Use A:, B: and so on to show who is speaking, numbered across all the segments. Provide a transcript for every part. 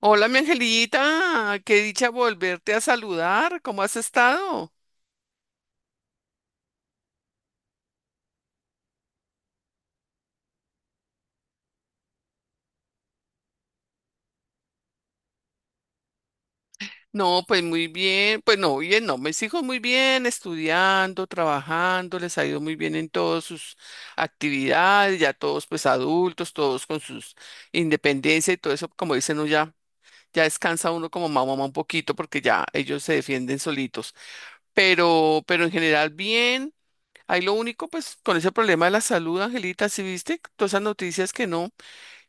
A: Hola, mi angelita, qué dicha volverte a saludar. ¿Cómo has estado? No, pues muy bien, pues no, bien, no, mis hijos muy bien, estudiando, trabajando, les ha ido muy bien en todas sus actividades, ya todos pues adultos, todos con sus independencia y todo eso, como dicen, uno ya, ya descansa uno como mamá, mamá un poquito porque ya ellos se defienden solitos, pero en general bien. Ahí lo único, pues con ese problema de la salud, Angelita, ¿sí viste todas esas noticias que no?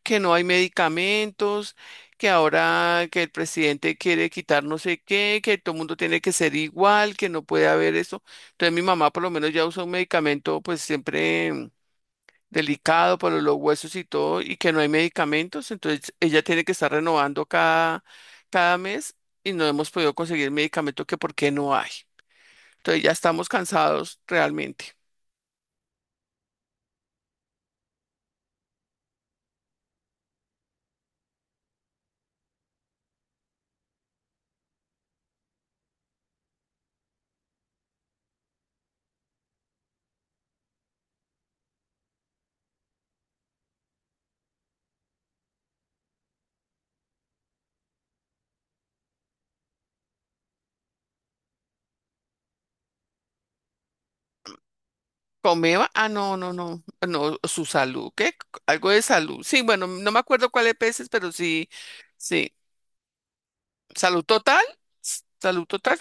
A: Que no hay medicamentos, que ahora que el presidente quiere quitar no sé qué, que todo el mundo tiene que ser igual, que no puede haber eso. Entonces mi mamá por lo menos ya usa un medicamento pues siempre delicado para los huesos y todo, y que no hay medicamentos, entonces ella tiene que estar renovando cada, cada mes y no hemos podido conseguir medicamento que por qué no hay. Entonces ya estamos cansados realmente. Comeba, ah, no, no, no, no, su salud, ¿qué? Algo de salud. Sí, bueno, no me acuerdo cuál es peces, pero sí, sí. Salud total, salud total.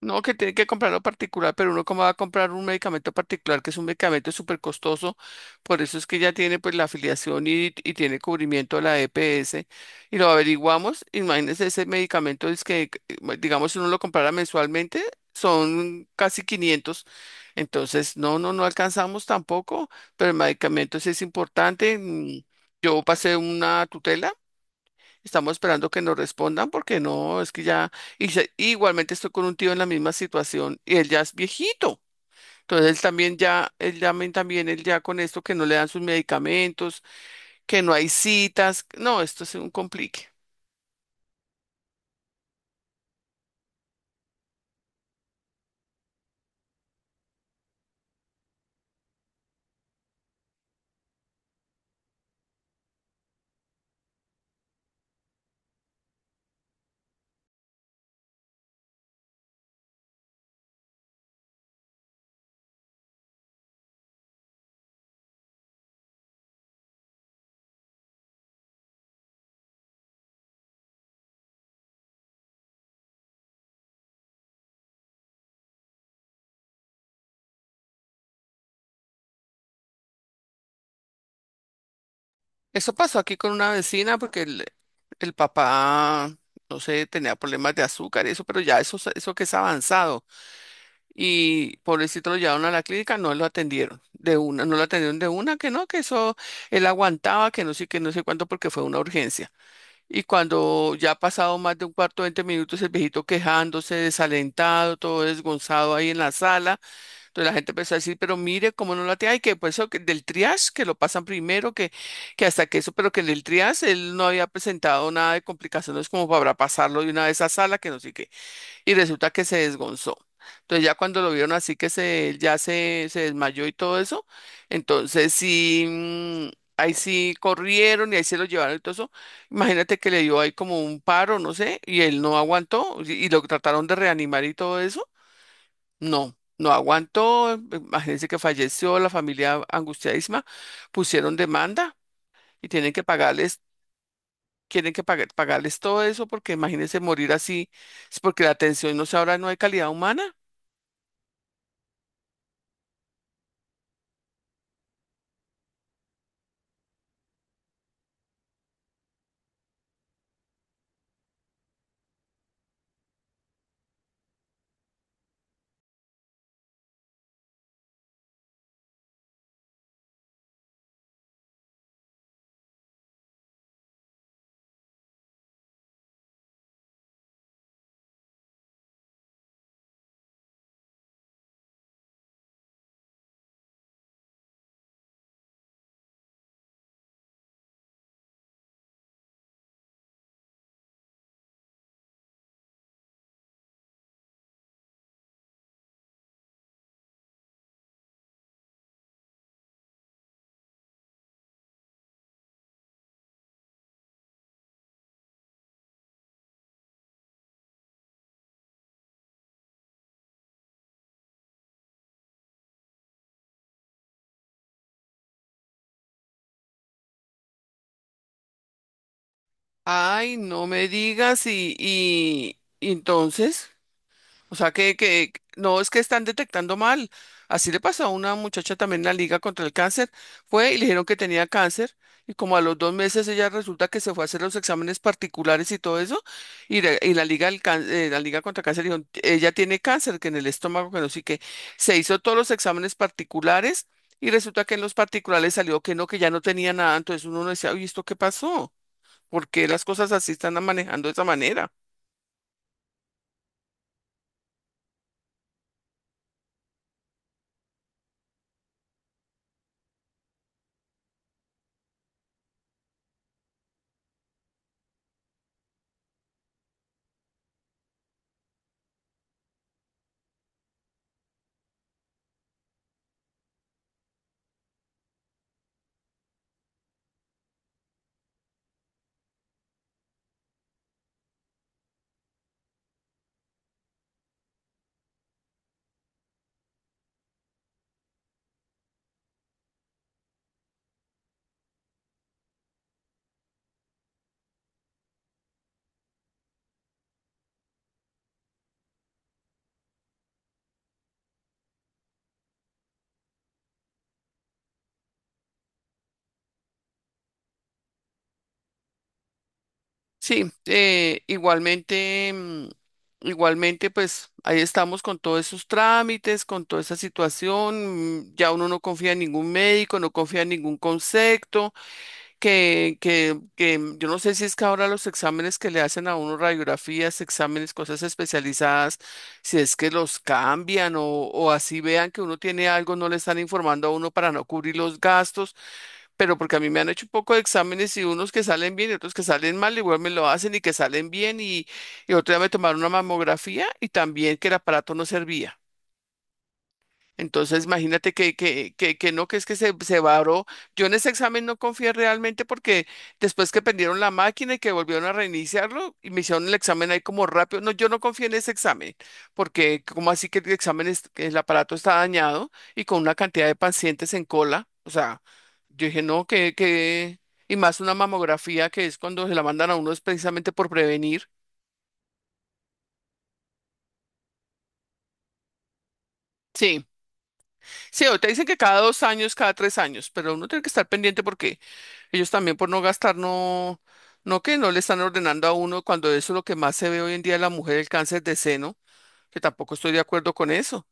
A: No, que tiene que comprarlo particular, pero uno cómo va a comprar un medicamento particular, que es un medicamento súper costoso, por eso es que ya tiene pues la afiliación y tiene cubrimiento de la EPS, y lo averiguamos, imagínense ese medicamento, es que, digamos, si uno lo comprara mensualmente, son casi 500, entonces no, no, no alcanzamos tampoco, pero el medicamento sí es importante. Yo pasé una tutela. Estamos esperando que nos respondan porque no, es que ya, igualmente estoy con un tío en la misma situación y él ya es viejito. Entonces él también ya, él también, él ya con esto que no le dan sus medicamentos, que no hay citas. No, esto es un complique. Eso pasó aquí con una vecina porque el papá, no sé, tenía problemas de azúcar y eso, pero ya eso, eso que es avanzado. Y pobrecito lo llevaron a la clínica, no lo atendieron de una, no lo atendieron de una, que no, que eso él aguantaba, que no sé cuánto, porque fue una urgencia. Y cuando ya ha pasado más de un cuarto, 20 minutos, el viejito quejándose, desalentado, todo desgonzado ahí en la sala, entonces la gente empezó a decir, pero mire cómo no lo atiende y que pues eso que del triage, que lo pasan primero, que hasta que eso, pero que en el triage él no había presentado nada de complicaciones como para pasarlo de una vez a sala, que no sé qué y resulta que se desgonzó. Entonces ya cuando lo vieron así que se, ya se desmayó y todo eso, entonces sí, ahí sí corrieron y ahí se lo llevaron y todo eso. Imagínate que le dio ahí como un paro, no sé, y él no aguantó y lo trataron de reanimar y todo eso. No, no aguantó, imagínense que falleció, la familia angustiadísima, pusieron demanda y tienen que pagarles. Pagarles todo eso porque imagínense morir así, es porque la atención no se ahora no hay calidad humana. Ay, no me digas y entonces, o sea que no es que están detectando mal. Así le pasó a una muchacha también en la Liga contra el Cáncer. Fue y le dijeron que tenía cáncer y como a los 2 meses ella resulta que se fue a hacer los exámenes particulares y todo eso y, la Liga, la Liga contra el Cáncer dijo, ella tiene cáncer, que en el estómago, que no sé qué. Se hizo todos los exámenes particulares y resulta que en los particulares salió que no, que ya no tenía nada. Entonces uno no decía, uy, ¿esto qué pasó? ¿Por qué las cosas así están manejando de esa manera? Sí, igualmente, igualmente, pues ahí estamos con todos esos trámites, con toda esa situación. Ya uno no confía en ningún médico, no confía en ningún concepto. Que yo no sé si es que ahora los exámenes que le hacen a uno, radiografías, exámenes, cosas especializadas, si es que los cambian o así vean que uno tiene algo, no le están informando a uno para no cubrir los gastos, pero porque a mí me han hecho un poco de exámenes y unos que salen bien y otros que salen mal, igual me lo hacen y que salen bien y otro día me tomaron una mamografía y también que el aparato no servía. Entonces, imagínate que no, que es que se varó. Yo en ese examen no confié realmente porque después que prendieron la máquina y que volvieron a reiniciarlo y me hicieron el examen ahí como rápido. No, yo no confié en ese examen porque como así que el examen, que el aparato está dañado y con una cantidad de pacientes en cola. O sea, yo dije, no, y más una mamografía que es cuando se la mandan a uno es precisamente por prevenir. Sí. Sí, o te dicen que cada 2 años, cada 3 años, pero uno tiene que estar pendiente porque ellos también por no gastar, no, no que no le están ordenando a uno cuando eso es lo que más se ve hoy en día de la mujer, el cáncer de seno, que tampoco estoy de acuerdo con eso.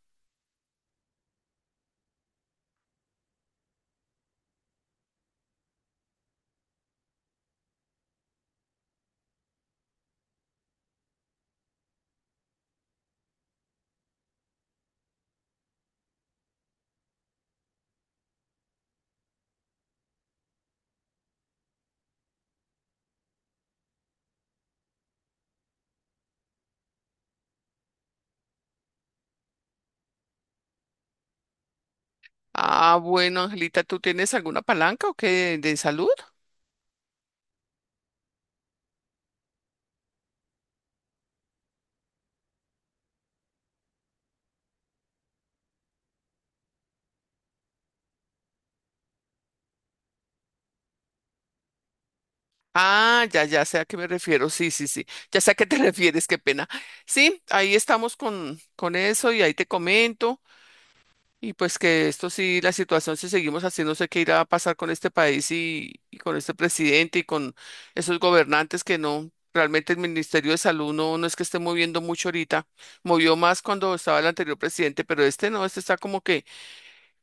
A: Ah, bueno, Angelita, ¿tú tienes alguna palanca o qué de salud? Ah, ya, ya sé a qué me refiero. Sí, sí, sí. Ya sé a qué te refieres, qué pena. Sí, ahí estamos con eso y ahí te comento. Y pues que esto sí, la situación, si seguimos así, no sé qué irá a pasar con este país y con este presidente y con esos gobernantes que no, realmente el Ministerio de Salud no, no es que esté moviendo mucho ahorita, movió más cuando estaba el anterior presidente, pero este no, este está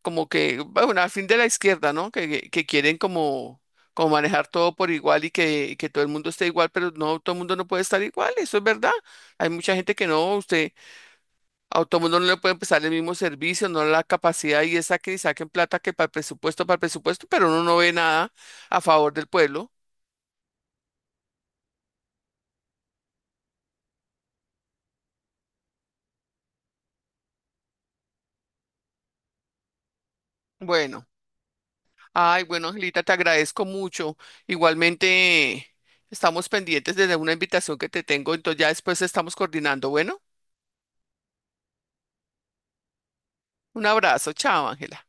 A: como que, bueno, al fin de la izquierda, ¿no? Que que quieren como, como manejar todo por igual que todo el mundo esté igual, pero no, todo el mundo no puede estar igual, eso es verdad. Hay mucha gente que no, usted... A todo no le pueden prestar el mismo servicio, no la capacidad y esa que saquen plata que para el presupuesto, pero uno no ve nada a favor del pueblo. Bueno, ay, bueno, Angelita, te agradezco mucho. Igualmente, estamos pendientes de una invitación que te tengo, entonces ya después estamos coordinando. Bueno, un abrazo, chao, Ángela.